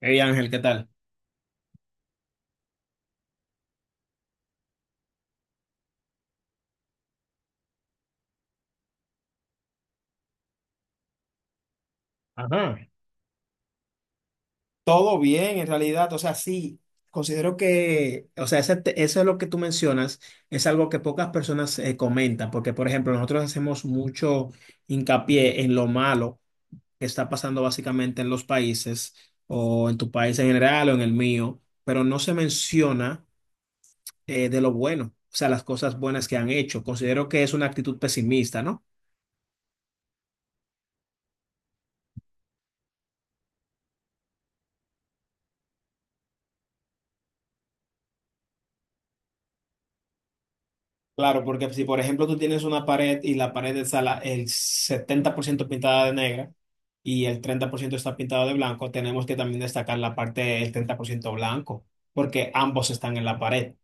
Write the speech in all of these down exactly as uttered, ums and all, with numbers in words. Hey Ángel, ¿qué tal? Ajá. Todo bien, en realidad. O sea, sí, considero que, o sea, ese te- eso es lo que tú mencionas, es algo que pocas personas eh, comentan, porque, por ejemplo, nosotros hacemos mucho hincapié en lo malo que está pasando básicamente en los países, o en tu país en general, o en el mío, pero no se menciona eh, de lo bueno, o sea, las cosas buenas que han hecho. Considero que es una actitud pesimista, ¿no? Claro, porque si por ejemplo tú tienes una pared y la pared está la- el setenta por ciento pintada de negra y el treinta por ciento está pintado de blanco, tenemos que también destacar la parte del treinta por ciento blanco, porque ambos están en la pared.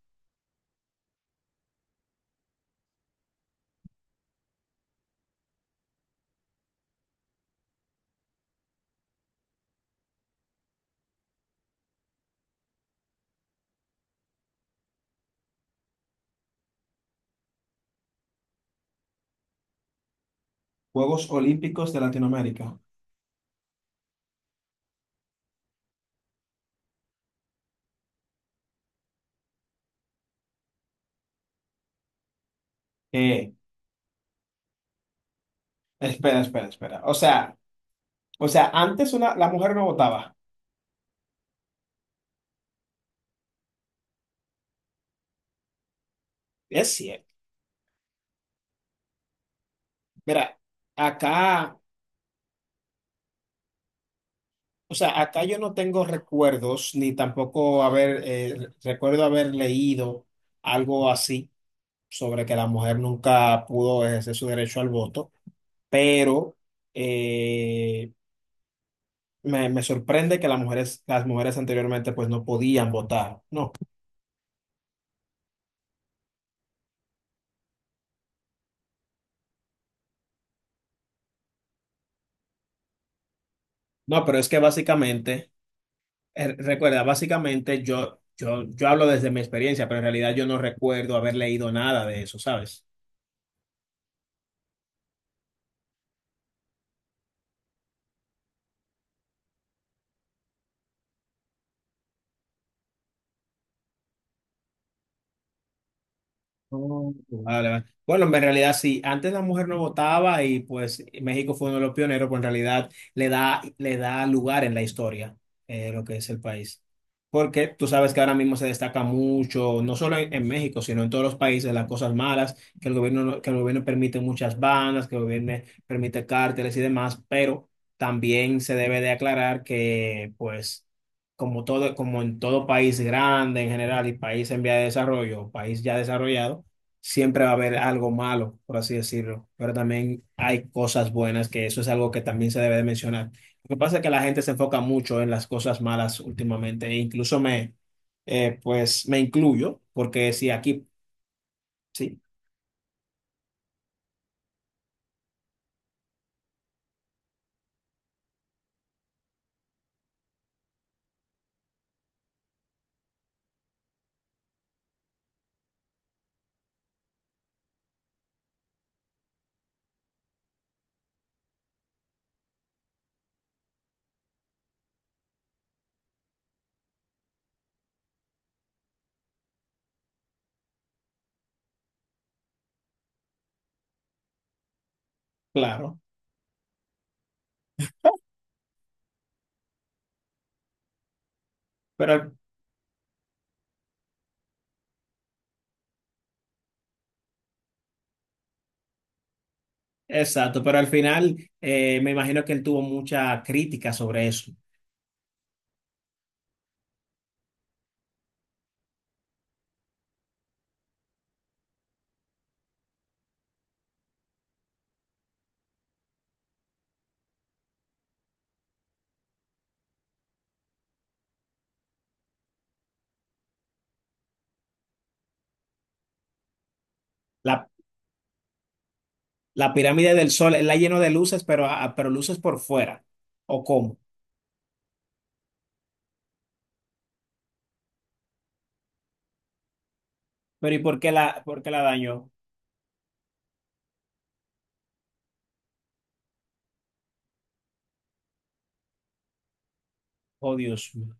Juegos Olímpicos de Latinoamérica. Eh, espera, espera, espera. O sea, o sea, antes una, la mujer no votaba. Es cierto. Mira, acá, o sea, acá yo no tengo recuerdos, ni tampoco haber, eh, recuerdo haber leído algo así, sobre que la mujer nunca pudo ejercer su derecho al voto, pero eh, me, me sorprende que las mujeres, las mujeres anteriormente pues no podían votar. No, no, pero es que básicamente, eh, recuerda, básicamente yo, yo, yo hablo desde mi experiencia, pero en realidad yo no recuerdo haber leído nada de eso, ¿sabes? Vale, vale. Bueno, en realidad sí, antes la mujer no votaba y pues México fue uno de los pioneros, pues en realidad le da, le da lugar en la historia eh, lo que es el país. Porque tú sabes que ahora mismo se destaca mucho, no solo en, en México, sino en todos los países, las cosas malas, que el gobierno, no- que el gobierno permite muchas bandas, que el gobierno permite cárteles y demás, pero también se debe de aclarar que pues como todo, como en todo país grande en general y país en vía de desarrollo, país ya desarrollado, siempre va a haber algo malo, por así decirlo, pero también hay cosas buenas, que eso es algo que también se debe de mencionar. Lo que pasa es que la gente se enfoca mucho en las cosas malas últimamente, e incluso me, eh, pues me incluyo, porque sí, aquí, sí, claro, pero exacto, pero al final eh, me imagino que él tuvo mucha crítica sobre eso. La, la pirámide del sol, él la llenó de luces, pero, ah, pero luces por fuera, ¿o cómo? Pero ¿y por qué la, por qué la dañó? Oh, Dios mío.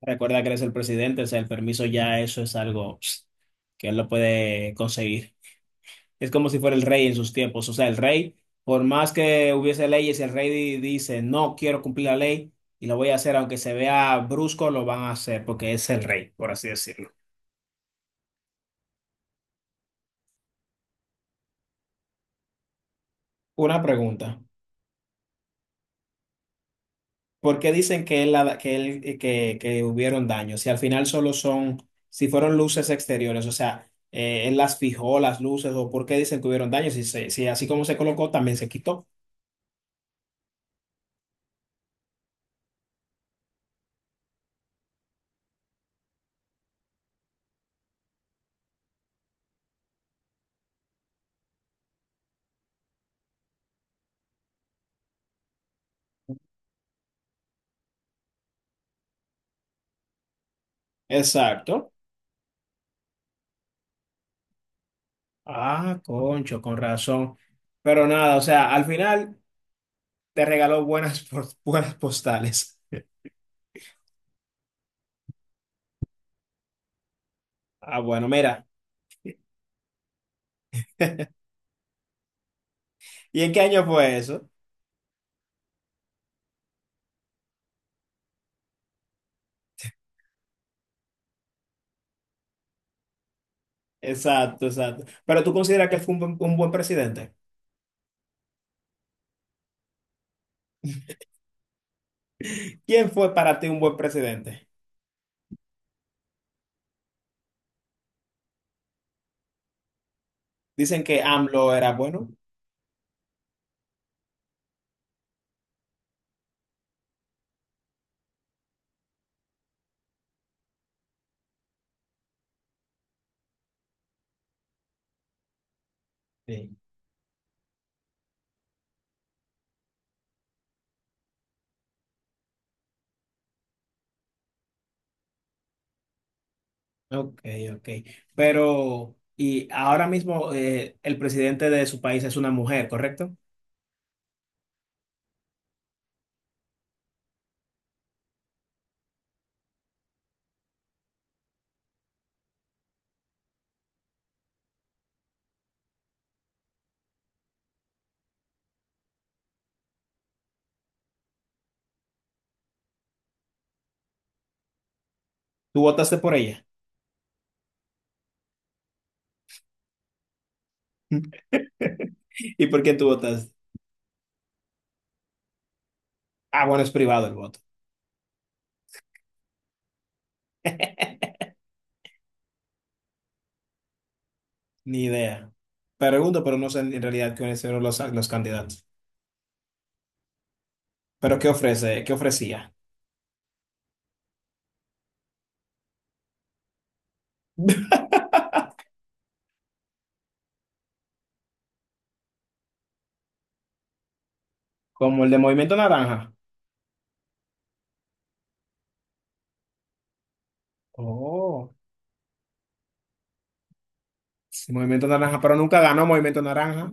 Recuerda que eres el presidente, o sea, el permiso ya eso es algo pss, que él lo puede conseguir. Es como si fuera el rey en sus tiempos, o sea, el rey, por más que hubiese leyes, el rey di- dice, no quiero cumplir la ley y lo voy a hacer, aunque se vea brusco, lo van a hacer porque es el rey, por así decirlo. Una pregunta, ¿por qué dicen que, él, la- que, él- eh, que, que hubieron daños? Si al final solo son, si fueron luces exteriores, o sea, eh, él las fijó, las luces, o por qué dicen que hubieron daños, si, se- si así como se colocó, también se quitó. Exacto. Ah, concho, con razón. Pero nada, o sea, al final te regaló buenas, po- buenas postales. Ah, bueno, mira. ¿Y en qué año fue eso? Exacto, exacto. Pero tú consideras que él fue un buen, un buen presidente. ¿Quién fue para ti un buen presidente? Dicen que AMLO era bueno. Sí. Ok, ok. Pero, y ahora mismo eh, el presidente de su país es una mujer, ¿correcto? ¿Tú votaste por ella? ¿Y por quién tú votaste? Ah, bueno, es privado el voto. Ni idea. Pregunto, pero no sé en realidad quiénes eran los, los candidatos. Pero, ¿qué ofrece? ¿Qué ofrecía? Como el de Movimiento Naranja. Oh, sí, Movimiento Naranja, pero nunca ganó Movimiento Naranja.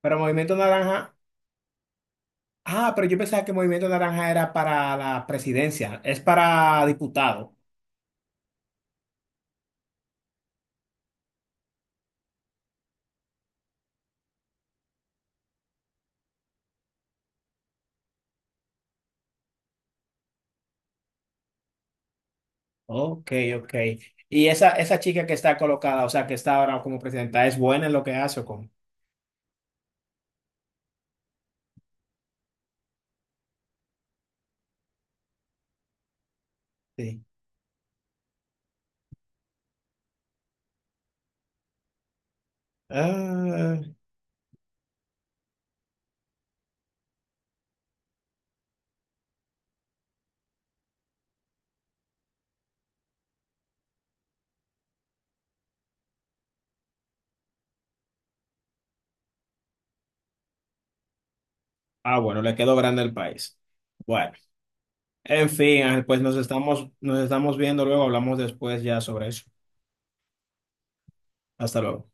Pero Movimiento Naranja. Ah, pero yo pensaba que Movimiento Naranja era para la presidencia, es para diputado. Ok, ok. Y esa, esa chica que está colocada, o sea, que está ahora como presidenta, ¿es buena en lo que hace o cómo? Sí. Ah, ah, bueno, le quedó grande el país. Bueno, en fin, Ángel, pues nos estamos, nos estamos viendo luego, hablamos después ya sobre eso. Hasta luego.